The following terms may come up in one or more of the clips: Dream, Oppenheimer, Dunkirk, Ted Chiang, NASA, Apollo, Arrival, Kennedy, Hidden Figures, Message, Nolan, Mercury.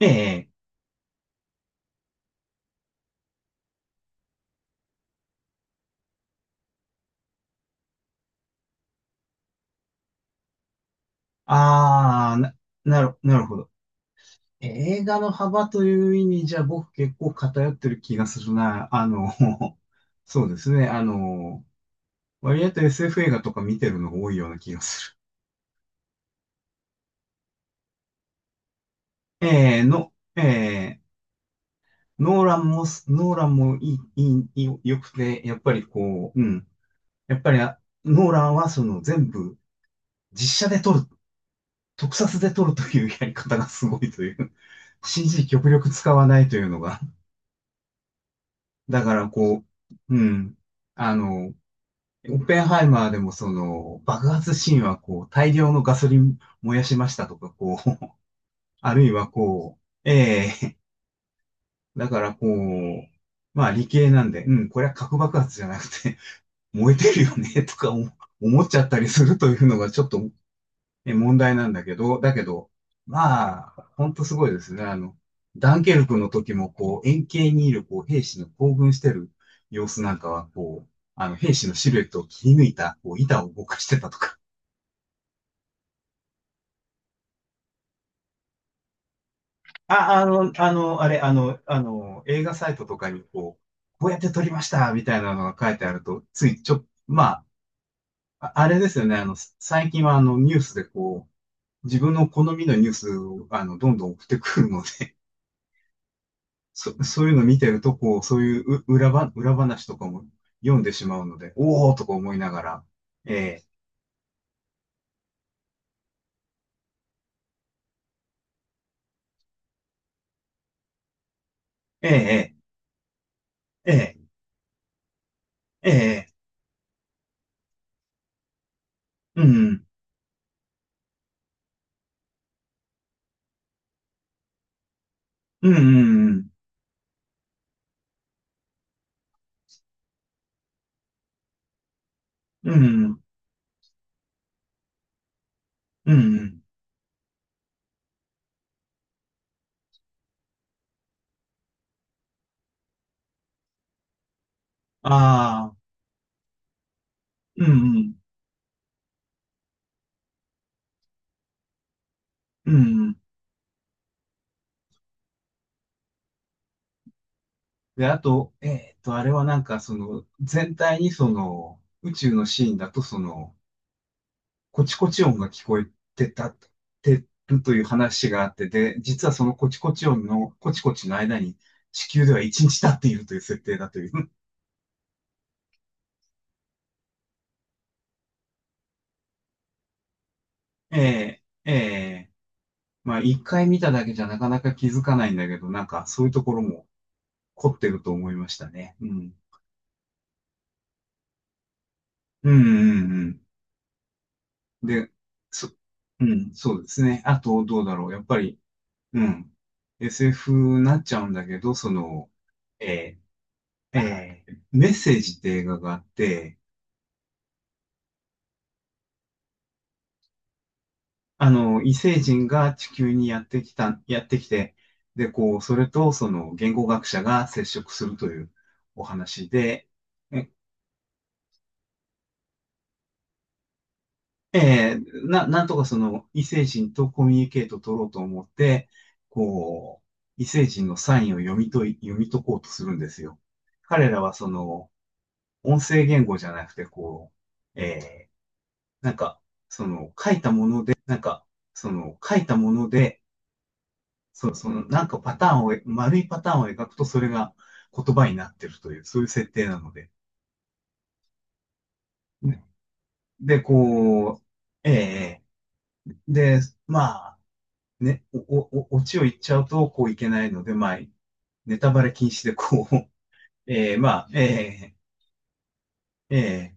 ええ、ああ、な、なるほど。映画の幅という意味じゃ僕結構偏ってる気がするな。そうですね。あの、割と SF 映画とか見てるのが多いような気がする。ええ、の、ええ、ノーランもす、ノーランもいい、いい、良くて、やっぱりこう、うん。やっぱりノーランはその全部実写で撮る、特撮で撮るというやり方がすごいという、CG 極力使わないというのがだからこう、うん。あの、オッペンハイマーでもその爆発シーンはこう大量のガソリン燃やしましたとかこう、あるいはこう、だからこう、まあ理系なんで、うん、これは核爆発じゃなくて 燃えてるよねとか思っちゃったりするというのがちょっと問題なんだけど、だけど、まあ、ほんとすごいですね。あの、ダンケルクの時も、こう、円形にいる、こう、兵士の興奮してる様子なんかは、こう、あの、兵士のシルエットを切り抜いた、こう、板を動かしてたとか。あ、あの、あの、あれ、あの、あの、映画サイトとかに、こう、こうやって撮りました、みたいなのが書いてあると、つい、まあ、あれですよね。あの、最近は、あの、ニュースで、こう、自分の好みのニュースを、あの、どんどん送ってくるので、そういうの見てると、こう、そういう裏話とかも読んでしまうので、おーとか思いながら、ええ、ええ、ええ、ええ、うん、うん、うん、うん、うん、うん、うんああ、うん、うん、うん。で、あと、あれはなんか、その、全体にその、宇宙のシーンだと、その、コチコチ音が聞こえてた、てるという話があって、で、実はそのコチコチ音のコチコチの間に地球では1日経っているという設定だという。ええ、ええ、まあ一回見ただけじゃなかなか気づかないんだけど、なんかそういうところも凝ってると思いましたね。うん。うん、うん、うん。そ、うん、そうですね。あと、どうだろう。やっぱり、うん。SF になっちゃうんだけど、その、えメッセージって映画があって、あの、異星人が地球にやってきた、やってきて、で、こう、それとその言語学者が接触するというお話で、え、えーな、なんとかその異星人とコミュニケートを取ろうと思って、こう、異星人のサインを読み解こうとするんですよ。彼らはその、音声言語じゃなくて、こう、えーなんか、その、書いたもの、なんか、その、書いたもので、その、パターンを、丸いパターンを描くと、それが言葉になってるという、そういう設定なので。ねで、こう、ええで、まあ、ね、お、お、お、オチを言っちゃうとこういけないので、まあ、ネタバレ禁止で、こう、ええまあ、ええええ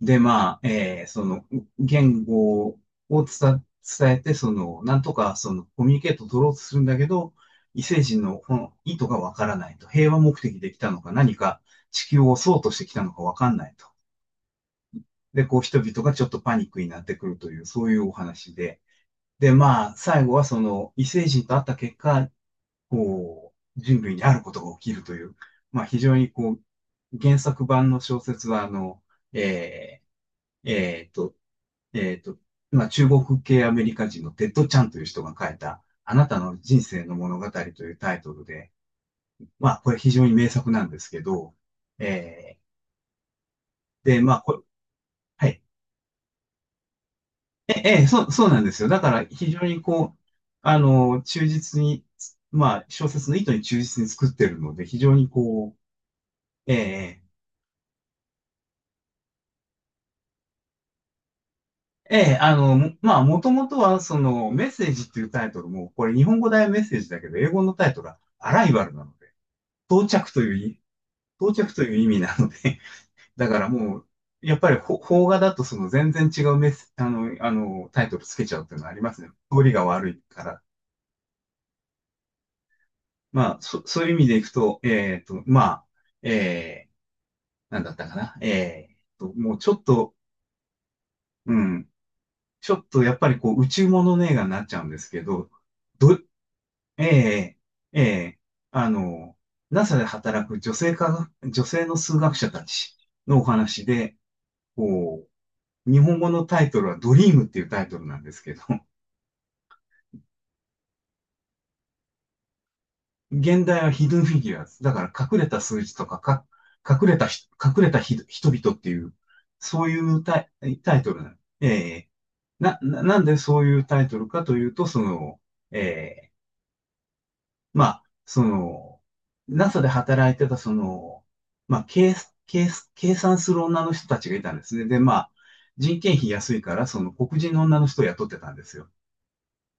で、まあ、その、言語を伝えて、その、なんとか、その、コミュニケートを取ろうとするんだけど、異星人のこの意図がわからないと。平和目的で来たのか、何か地球を襲おうとしてきたのかわかんないと。で、こう、人々がちょっとパニックになってくるという、そういうお話で。で、まあ、最後はその、異星人と会った結果、こう、人類にあることが起きるという、まあ、非常にこう、原作版の小説は、あの、えーえーっと、えっと、まあ、中国系アメリカ人のテッド・チャンという人が書いた、あなたの人生の物語というタイトルで、まあ、これ非常に名作なんですけど、えー、で、まあ、これ、はい。そうなんですよ。だから非常にこう、あの、忠実に、まあ、小説の意図に忠実に作ってるので、非常にこう、えー、えー、あの、もまあ、もともとは、その、メッセージっていうタイトルも、これ日本語大メッセージだけど、英語のタイトルはアライバルなので、到着という到着という意味なので、だからもう、やっぱり邦画だとその全然違うメス、あの、あの、タイトルつけちゃうっていうのはありますね。通りが悪いから。まあ、そういう意味でいくと、えっと、まあ、えー、なんだったかな。えっと、もうちょっと、うん、ちょっとやっぱりこう、宇宙ものの映画になっちゃうんですけど、ど、えー、えー、あの、NASA で働く女性の数学者たちのお話で、こう、日本語のタイトルはドリームっていうタイトルなんですけど、現代はヒドゥンフィギュアーズ。だから隠れた数字とかか、隠れた人々っていう、そういうタイトルなえーんでそういうタイトルかというと、その、えーまあ、その、NASA で働いてた、その、まあ、計、計算する女の人たちがいたんですね。で、まあ、人件費安いから、その黒人の女の人を雇ってたんですよ。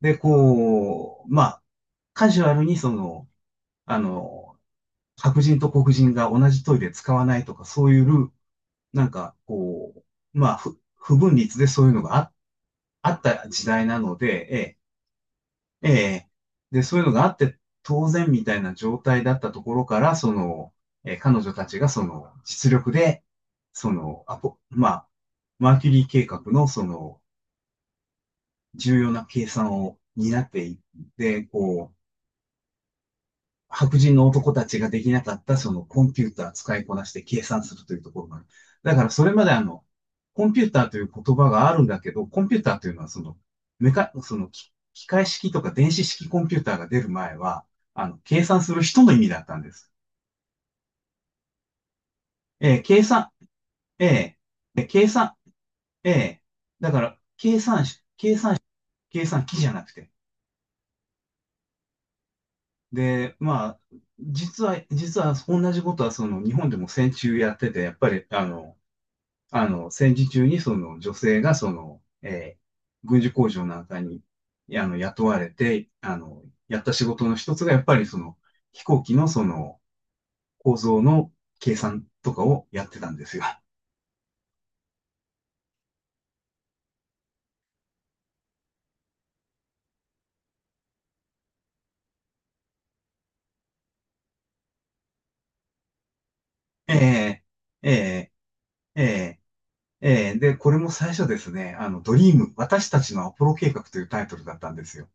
で、こう、まあ、カジュアルにその、あの、白人と黒人が同じトイレ使わないとか、そういうルール、なんか、こう、まあ、不分立でそういうのがあった時代なので、ええ、ええ、で、そういうのがあって当然みたいな状態だったところから、その、えー彼女たちがその、実力で、その、アポ、まあ、マーキュリー計画のその、重要な計算を担っていって、こう、白人の男たちができなかったそのコンピューター使いこなして計算するというところがある。だからそれまであの、コンピューターという言葉があるんだけど、コンピューターというのはその、その機械式とか電子式コンピューターが出る前は、あの、計算する人の意味だったんです。えー計算、えー計算、ええだから、計算機じゃなくて。で、まあ、実は同じことはその日本でも戦中やってて、やっぱり、あの、戦時中にその女性がその、えー軍需工場なんかに、あの、雇われて、あの、やった仕事の一つがやっぱりその、飛行機のその、構造の計算とかをやってたんですよ。えー、えー、えー、えー、で、これも最初ですね、あの、ドリーム、私たちのアポロ計画というタイトルだったんですよ。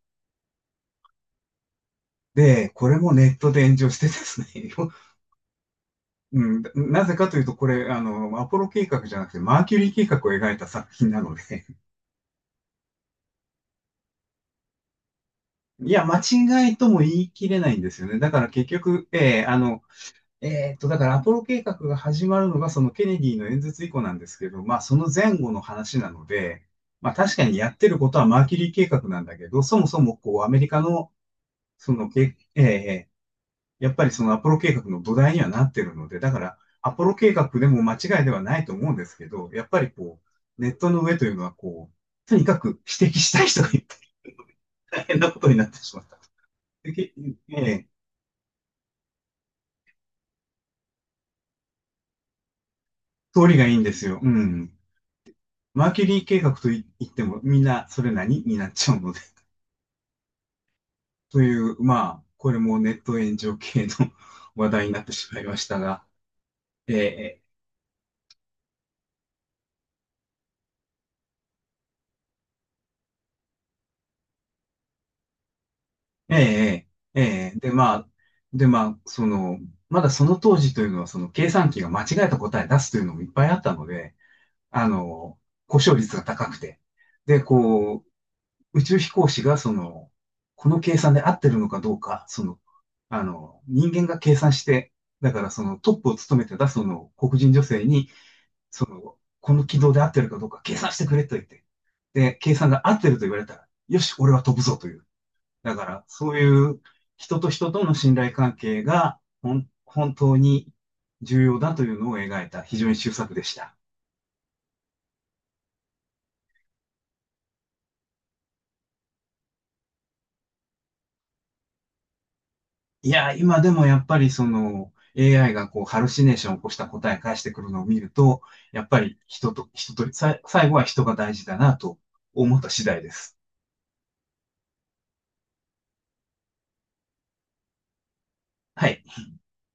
で、これもネットで炎上してですね、うん、なぜかというと、これ、あの、アポロ計画じゃなくて、マーキュリー計画を描いた作品なので、いや、間違いとも言い切れないんですよね。だから結局、えーあの、えーっと、だからアポロ計画が始まるのがそのケネディの演説以降なんですけど、まあその前後の話なので、まあ確かにやってることはマーキュリー計画なんだけど、そもそもこうアメリカの、そのけ、えーやっぱりそのアポロ計画の土台にはなってるので、だからアポロ計画でも間違いではないと思うんですけど、やっぱりこう、ネットの上というのはこう、とにかく指摘したい人がいっぱい大変なことになってしまった。でけええ通りがいいんですよ。うん。マーキュリー計画と言っても、みんなそれ何になっちゃうので。という、まあ、これもネット炎上系の 話題になってしまいましたが、えー、えー、えー、えーで、まあ、で、まあ、その、まだその当時というのは、その計算機が間違えた答え出すというのもいっぱいあったので、あの、故障率が高くて、で、こう、宇宙飛行士がその、この計算で合ってるのかどうか、その、あの、人間が計算して、だからそのトップを務めてたその黒人女性に、その、この軌道で合ってるかどうか計算してくれと言って、で、計算が合ってると言われたら、よし、俺は飛ぶぞという。だから、そういう人と人との信頼関係が、本当に重要だというのを描いた非常に秀作でした。いや、今でもやっぱりその AI がこうハルシネーションを起こした答え返してくるのを見ると、やっぱり人と、人と、最後は人が大事だなと思った次第です。はい。